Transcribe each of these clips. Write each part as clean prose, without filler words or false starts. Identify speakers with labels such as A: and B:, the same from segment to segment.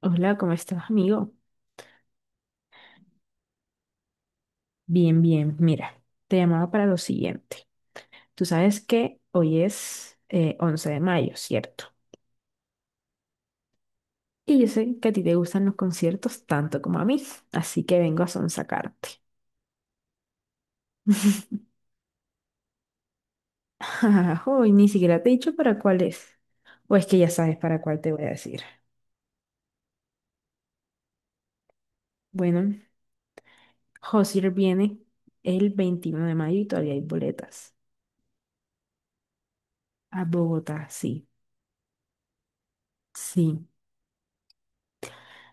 A: Hola, ¿cómo estás, amigo? Bien, bien. Mira, te llamaba para lo siguiente. Tú sabes que hoy es 11 de mayo, ¿cierto? Y yo sé que a ti te gustan los conciertos tanto como a mí, así que vengo a sonsacarte. Hoy ni siquiera te he dicho para cuál es. O es que ya sabes para cuál te voy a decir. Bueno, Josier viene el 21 de mayo y todavía hay boletas. A Bogotá, sí. Sí.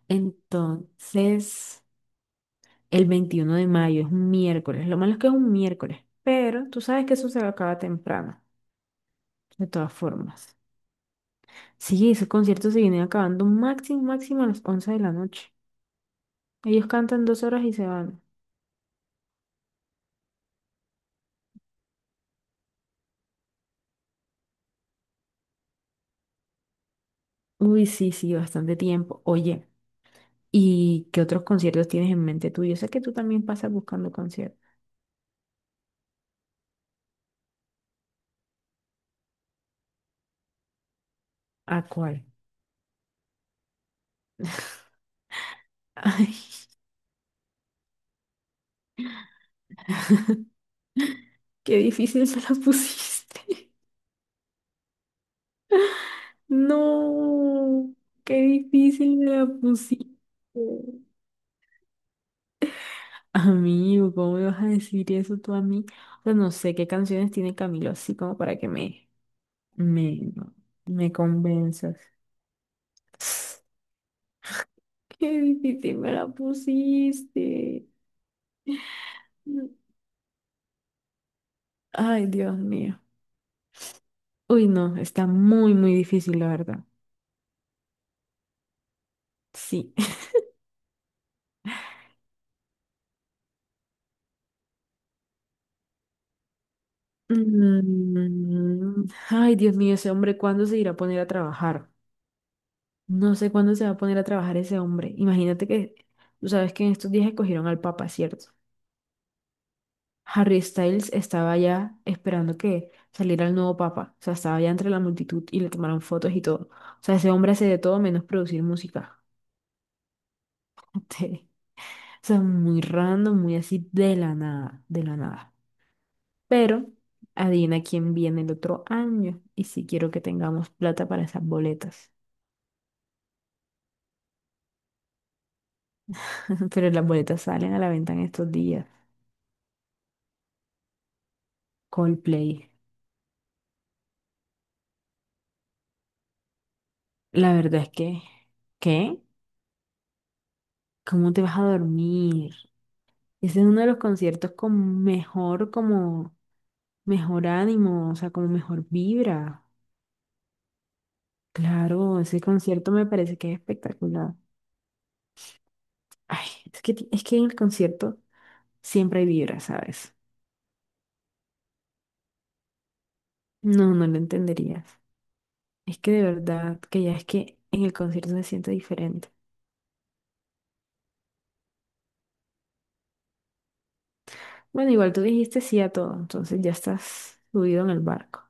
A: Entonces, el 21 de mayo es un miércoles. Lo malo es que es un miércoles. Pero tú sabes que eso se acaba temprano, de todas formas. Sí, esos conciertos se vienen acabando máximo, máximo a las 11 de la noche. Ellos cantan 2 horas y se van. Uy, sí, sí, bastante tiempo. Oye, ¿y qué otros conciertos tienes en mente tú? Yo sé que tú también pasas buscando conciertos. ¿A cuál? Ay, qué difícil me la pusiste. No, qué difícil me la pusiste. Amigo, ¿cómo me vas a decir eso tú a mí? O sea, no sé qué canciones tiene Camilo así como para que me, no, me convenzas. Qué difícil me la pusiste. Ay, Dios mío. Uy, no, está muy, muy difícil, la verdad. Sí. Mm, ay, Dios mío, ese hombre, ¿cuándo se irá a poner a trabajar? No sé cuándo se va a poner a trabajar ese hombre. Imagínate que, tú sabes que en estos días escogieron al Papa, ¿cierto? Harry Styles estaba ya esperando que saliera el nuevo papa. O sea, estaba ya entre la multitud y le tomaron fotos y todo. O sea, ese hombre hace de todo menos producir música. Este, o sea, muy random, muy así de la nada, de la nada. Pero adivina quién viene el otro año. Y si quiero que tengamos plata para esas boletas. Pero las boletas salen a la venta en estos días. Coldplay. La verdad es que, ¿qué? ¿Cómo te vas a dormir? Ese es uno de los conciertos con mejor, como, mejor ánimo, o sea, como mejor vibra. Claro, ese concierto me parece que es espectacular. Ay, es que, es que en el concierto siempre hay vibra, ¿sabes? No, no lo entenderías. Es que de verdad, que ya es que en el concierto se siente diferente. Bueno, igual tú dijiste sí a todo, entonces ya estás subido en el barco.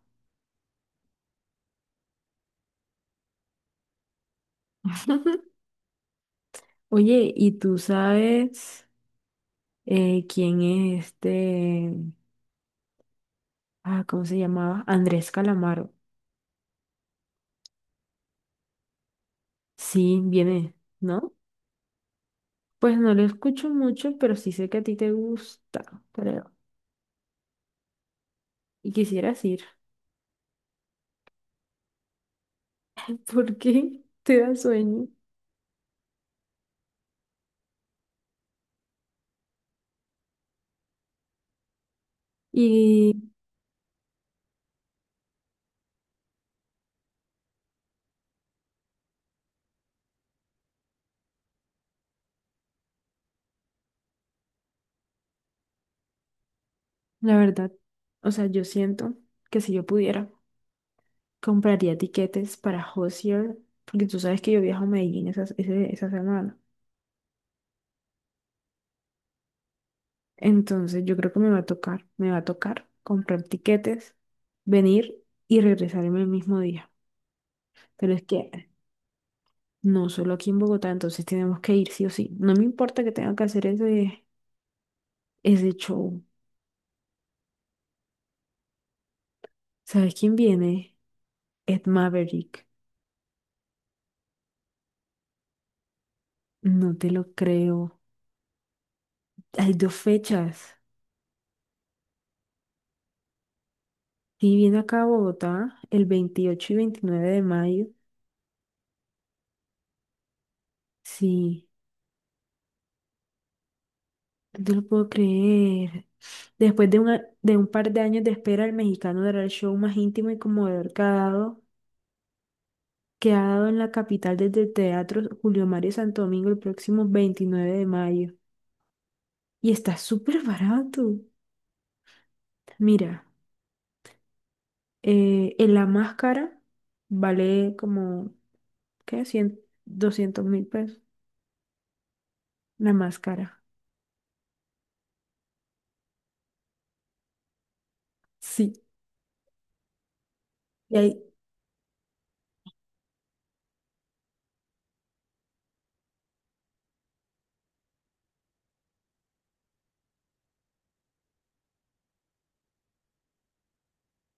A: Oye, ¿y tú sabes quién es este? Ah, ¿cómo se llamaba? Andrés Calamaro. Sí, viene, ¿no? Pues no lo escucho mucho, pero sí sé que a ti te gusta, creo. Y quisieras ir, porque te da sueño. Y la verdad, o sea, yo siento que si yo pudiera, compraría tiquetes para Hozier, porque tú sabes que yo viajo a Medellín esa, esa semana. Entonces yo creo que me va a tocar, me va a tocar comprar tiquetes, venir y regresarme el mismo día. Pero es que no solo aquí en Bogotá, entonces tenemos que ir sí o sí. No me importa que tenga que hacer ese, ese show. ¿Sabes quién viene? Ed Maverick. No te lo creo. Hay 2 fechas. Sí, viene acá a Bogotá el 28 y 29 de mayo. Sí, no te lo puedo creer. Después de, de un par de años de espera, el mexicano dará el show más íntimo y conmovedor que ha dado en la capital desde el Teatro Julio Mario Santo Domingo el próximo 29 de mayo. Y está súper barato. Mira, en la máscara vale como, ¿qué? Cien, 200.000 pesos. La máscara. Sí. Y hay,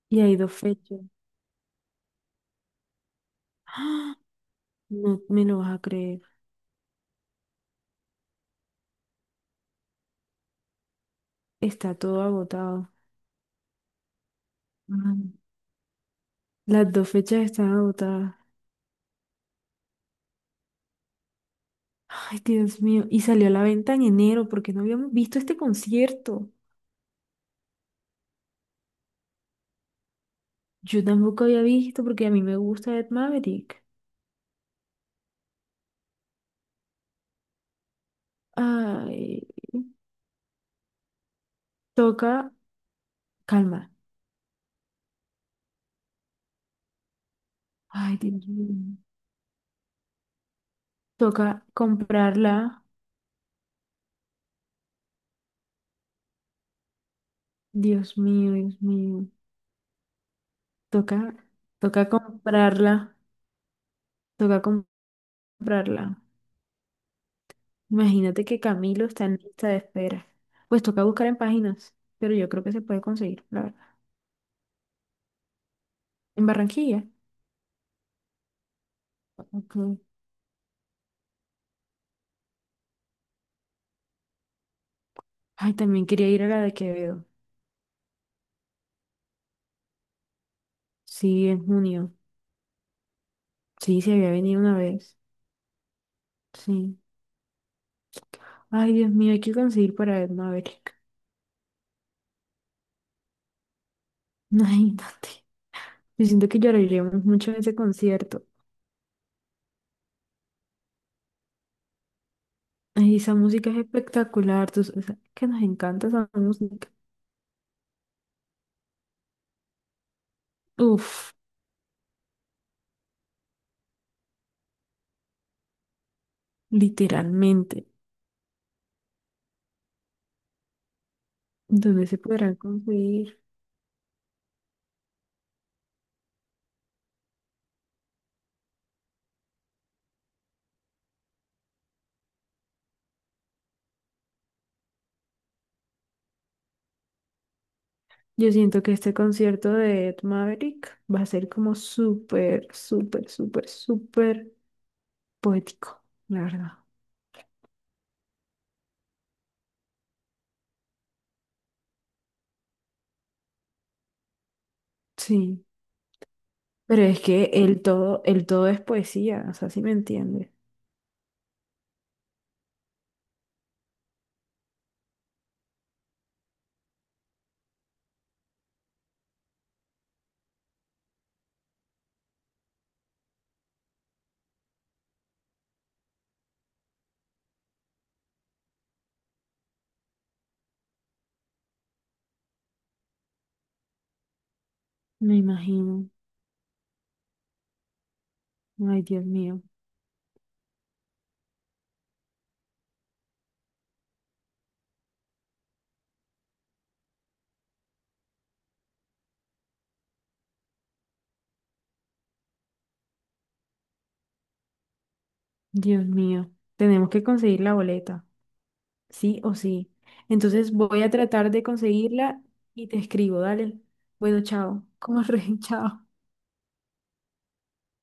A: y hay 2 fechas. ¡Ah! No me lo vas a creer. Está todo agotado. Mm. Las 2 fechas están agotadas. Ay, Dios mío. Y salió a la venta en enero porque no habíamos visto este concierto. Yo tampoco había visto porque a mí me gusta Ed Maverick. Ay, toca. Calma. Ay, Dios mío. Toca comprarla. Dios mío, Dios mío. Toca, toca comprarla. Toca comprarla. Imagínate que Camilo está en lista de espera. Pues toca buscar en páginas, pero yo creo que se puede conseguir, la verdad. En Barranquilla. Ok. Ay, también quería ir a la de Quevedo. Sí, en junio. Sí, se había venido una vez. Sí. Ay, Dios mío, hay que conseguir para ver Maverick. Imagínate. Yo siento que lloraríamos mucho en ese concierto. Ay, esa música es espectacular, tú sabes que nos encanta esa música. Uf, literalmente. ¿Dónde se podrán conseguir? Yo siento que este concierto de Ed Maverick va a ser como súper, súper, súper, súper poético, la verdad. Sí, pero es que el todo es poesía, o sea, si me entiendes. Me imagino. Ay, Dios mío, Dios mío. Tenemos que conseguir la boleta, sí o sí. Entonces voy a tratar de conseguirla y te escribo, dale. Bueno, chao. Como re, chao.